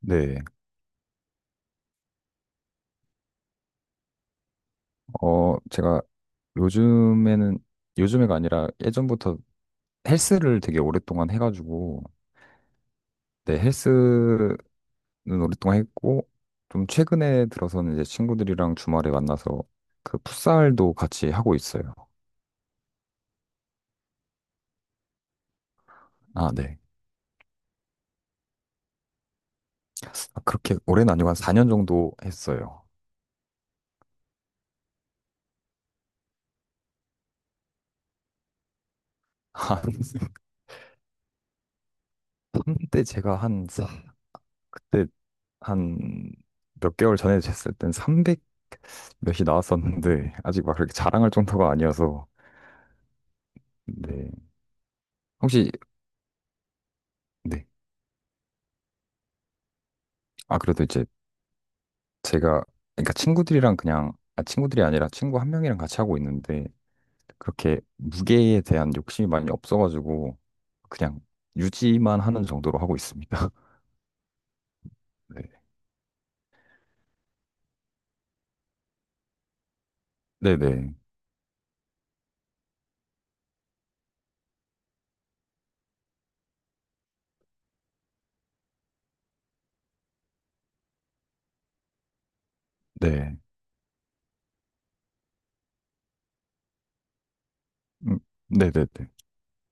네, 제가 요즘에는, 요즘에가 아니라 예전부터 헬스를 되게 오랫동안 해가지고, 네, 헬스는 오랫동안 했고, 좀 최근에 들어서는 이제 친구들이랑 주말에 만나서 그 풋살도 같이 하고 있어요. 아, 네. 아, 그렇게 오래는 아니고 한 4년 정도 했어요. 한, 한때 제가 그때 한 몇 개월 전에 됐을 땐 300 몇이 나왔었는데, 아직 막 그렇게 자랑할 정도가 아니어서, 네. 혹시 네. 아 그래도 이제 제가 그러니까 친구들이랑 그냥 아 친구들이 아니라 친구 한 명이랑 같이 하고 있는데 그렇게 무게에 대한 욕심이 많이 없어가지고 그냥 유지만 하는 정도로 하고 있습니다. 네. 네네. 네. 음, 네네네.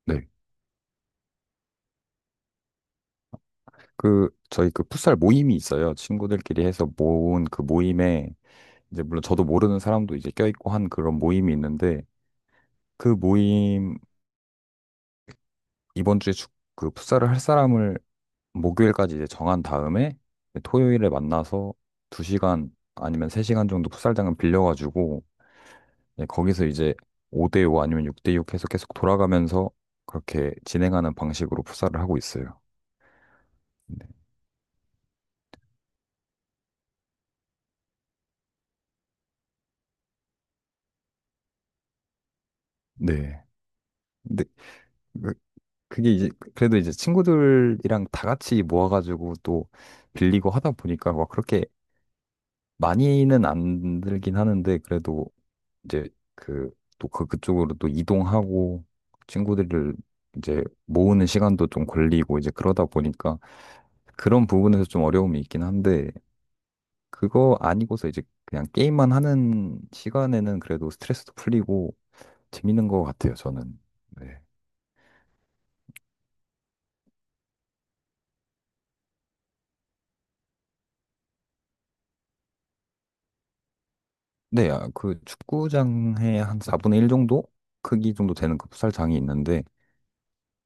네. 그 저희 그 풋살 모임이 있어요. 친구들끼리 해서 모은 그 모임에 이제 물론 저도 모르는 사람도 이제 껴있고 한 그런 모임이 있는데 그 모임 이번 주에 그 풋살을 할 사람을 목요일까지 이제 정한 다음에 토요일에 만나서 2시간 아니면 3시간 정도 풋살장을 빌려가지고 이제 거기서 이제 5대5 아니면 6대6 해서 계속 돌아가면서 그렇게 진행하는 방식으로 풋살을 하고 있어요. 네. 네. 근데 그- 그게 이제 그래도 이제 친구들이랑 다 같이 모아가지고 또 빌리고 하다 보니까 막 그렇게 많이는 안 들긴 하는데 그래도 이제 그 또 그쪽으로 또 이동하고 친구들을 이제 모으는 시간도 좀 걸리고 이제 그러다 보니까 그런 부분에서 좀 어려움이 있긴 한데 그거 아니고서 이제 그냥 게임만 하는 시간에는 그래도 스트레스도 풀리고 재밌는 것 같아요, 저는. 네. 네, 아, 그 축구장에 한 4분의 1 정도 크기 정도 되는 그 풋살장이 있는데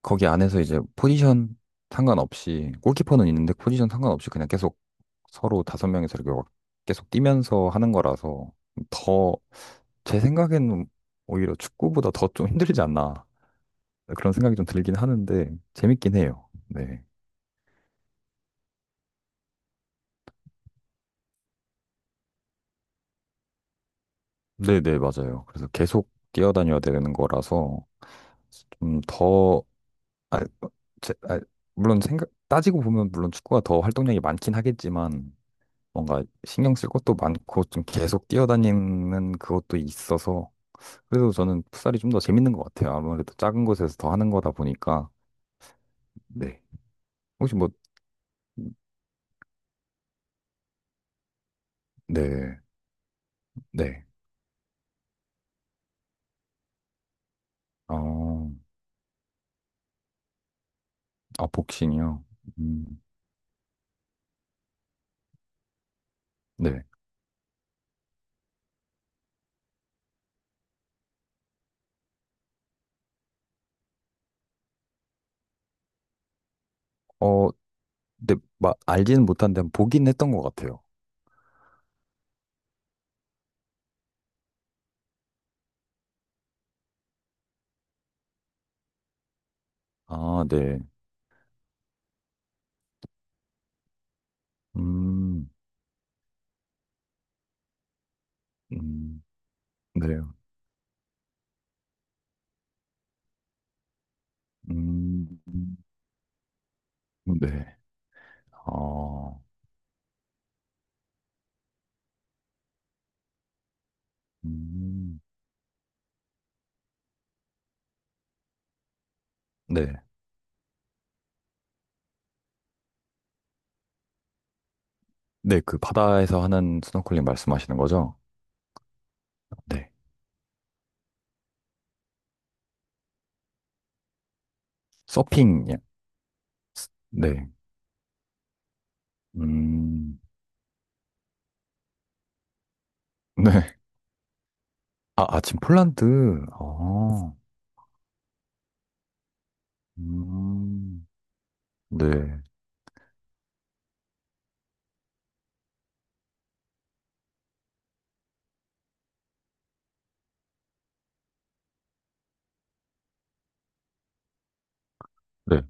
거기 안에서 이제 포지션 상관없이 골키퍼는 있는데 포지션 상관없이 그냥 계속 서로 다섯 명이서 이렇게 막 계속 뛰면서 하는 거라서 더 제 생각에는 오히려 축구보다 더 좀 힘들지 않나 그런 생각이 좀 들긴 하는데 재밌긴 해요. 네. 네네, 맞아요. 그래서 계속 뛰어다녀야 되는 거라서 좀 더, 아, 제, 아, 물론 생각, 따지고 보면 물론 축구가 더 활동량이 많긴 하겠지만 뭔가 신경 쓸 것도 많고 좀 계속 뛰어다니는 그것도 있어서 그래서 저는 풋살이 좀 더 재밌는 것 같아요. 아무래도 작은 곳에서 더 하는 거다 보니까 네. 혹시 뭐 네, 네. 어, 아 복싱이요. 음, 네. 어, 네, 막 알지는 못한데 보긴 했던 것 같아요. 아, 네. 음, 음, 네. 음, 네. 어, 음, 네. 네, 그 바다에서 하는 스노클링 말씀하시는 거죠? 네. 서핑, 예. 요 네. 음, 네. 아, 아, 지금 폴란드. 아, 음, 네. 네.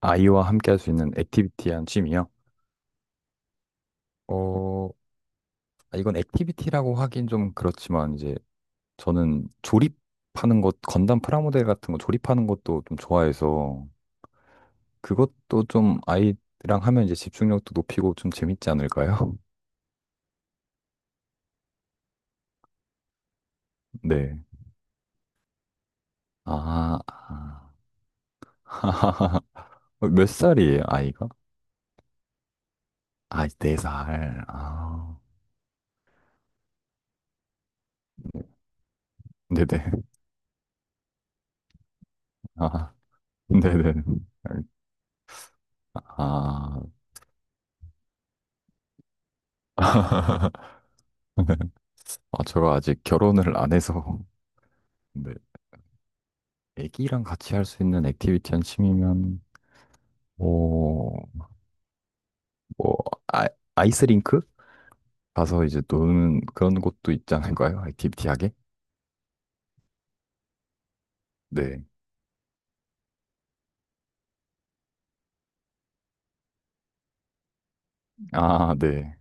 아이와 함께 할 수 있는 액티비티한 취미요? 어, 아, 이건 액티비티라고 하긴 좀 그렇지만, 이제 저는 조립하는 것, 건담 프라모델 같은 거 조립하는 것도 좀 좋아해서, 그것도 좀 아이랑 하면 이제 집중력도 높이고 좀 재밌지 않을까요? 네. 아, 아. 몇 살이에요, 아이가? 아, 4살. 아, 네네. 아, 네네. 아, 아, 제가 아직 결혼을 안 해서, 근데 애기랑 같이 할 수 있는 액티비티 한 취미면, 뭐, 뭐, 아, 아이스링크? 가서 이제 노는 그런 곳도 있지 않을까요? 액티비티 하게? 네. 아, 네.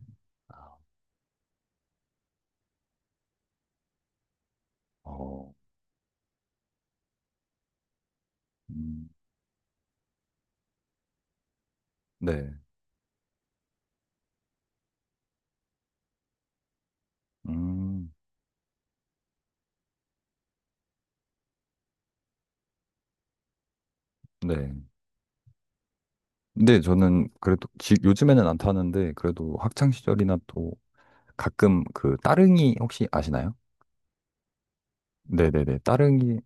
어, 음, 네. 음, 네. 근데 저는 그래도, 요즘에는 안 타는데, 그래도 학창 시절이나 또 가끔 그 따릉이 혹시 아시나요? 네네네. 따릉이.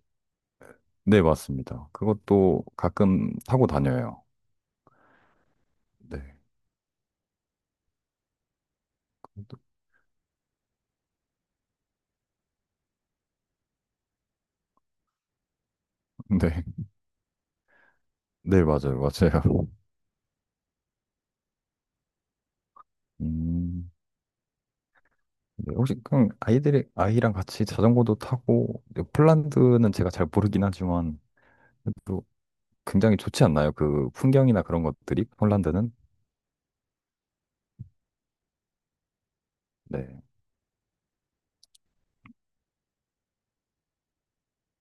네, 맞습니다. 그것도 가끔 타고 다녀요. 네. 그것도- 네. 네, 맞아요. 맞아요. 음. 네, 혹시 그럼 아이들이 아이랑 같이 자전거도 타고 네, 폴란드는 제가 잘 모르긴 하지만 또 굉장히 좋지 않나요? 그 풍경이나 그런 것들이 폴란드는? 네.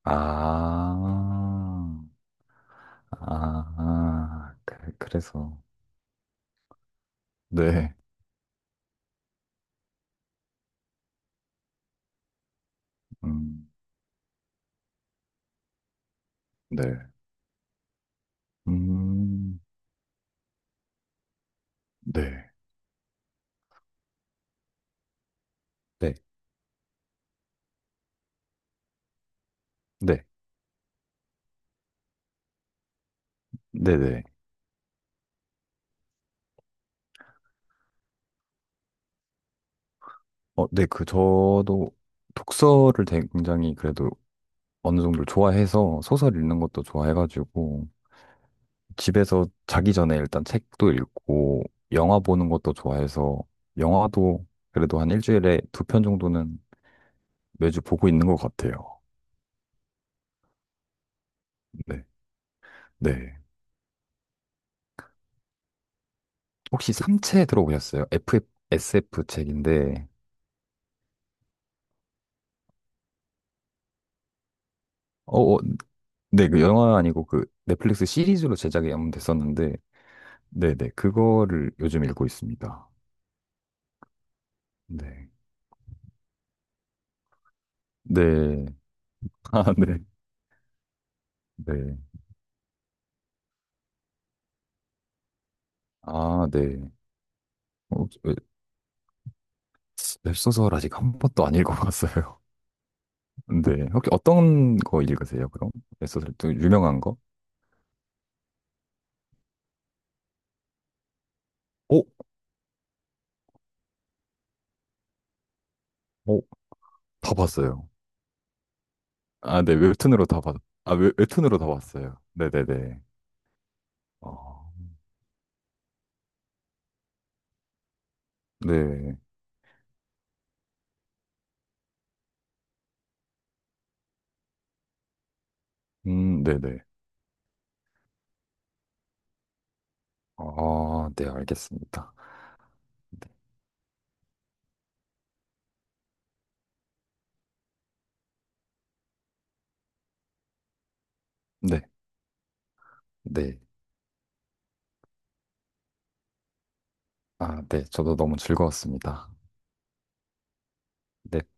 아. 아. 아. 그래서 네. 음. 네. 음. 네. 네. 네. 네네. 어, 네. 그, 저도 독서를 되게 굉장히 그래도 어느 정도 좋아해서 소설 읽는 것도 좋아해가지고 집에서 자기 전에 일단 책도 읽고 영화 보는 것도 좋아해서 영화도 그래도 한 일주일에 두 편 정도는 매주 보고 있는 것 같아요. 네. 네. 혹시 삼체 들어보셨어요? FF 책인데, 어, 어, 네. 그 영화 아니고 그 넷플릭스 시리즈로 제작이 한번 됐었는데 네네. 그거를 요즘 읽고 있습니다. 네. 네. 아, 네. 네. 아, 네. 어, 저, 에, 웹소설 아직 한 번도 안 읽어봤어요. 네. 혹시 어떤 거 읽으세요, 그럼? 웹소설 또 유명한 거? 오, 오, 다 봤어요. 아, 네. 웹툰으로 다 봤, 아, 웹, 웹툰으로 다 봤어요. 네네네. 어, 네. 네네. 아, 네. 알겠습니다. 네. 네. 네. 아, 네. 저도 너무 즐거웠습니다. 네.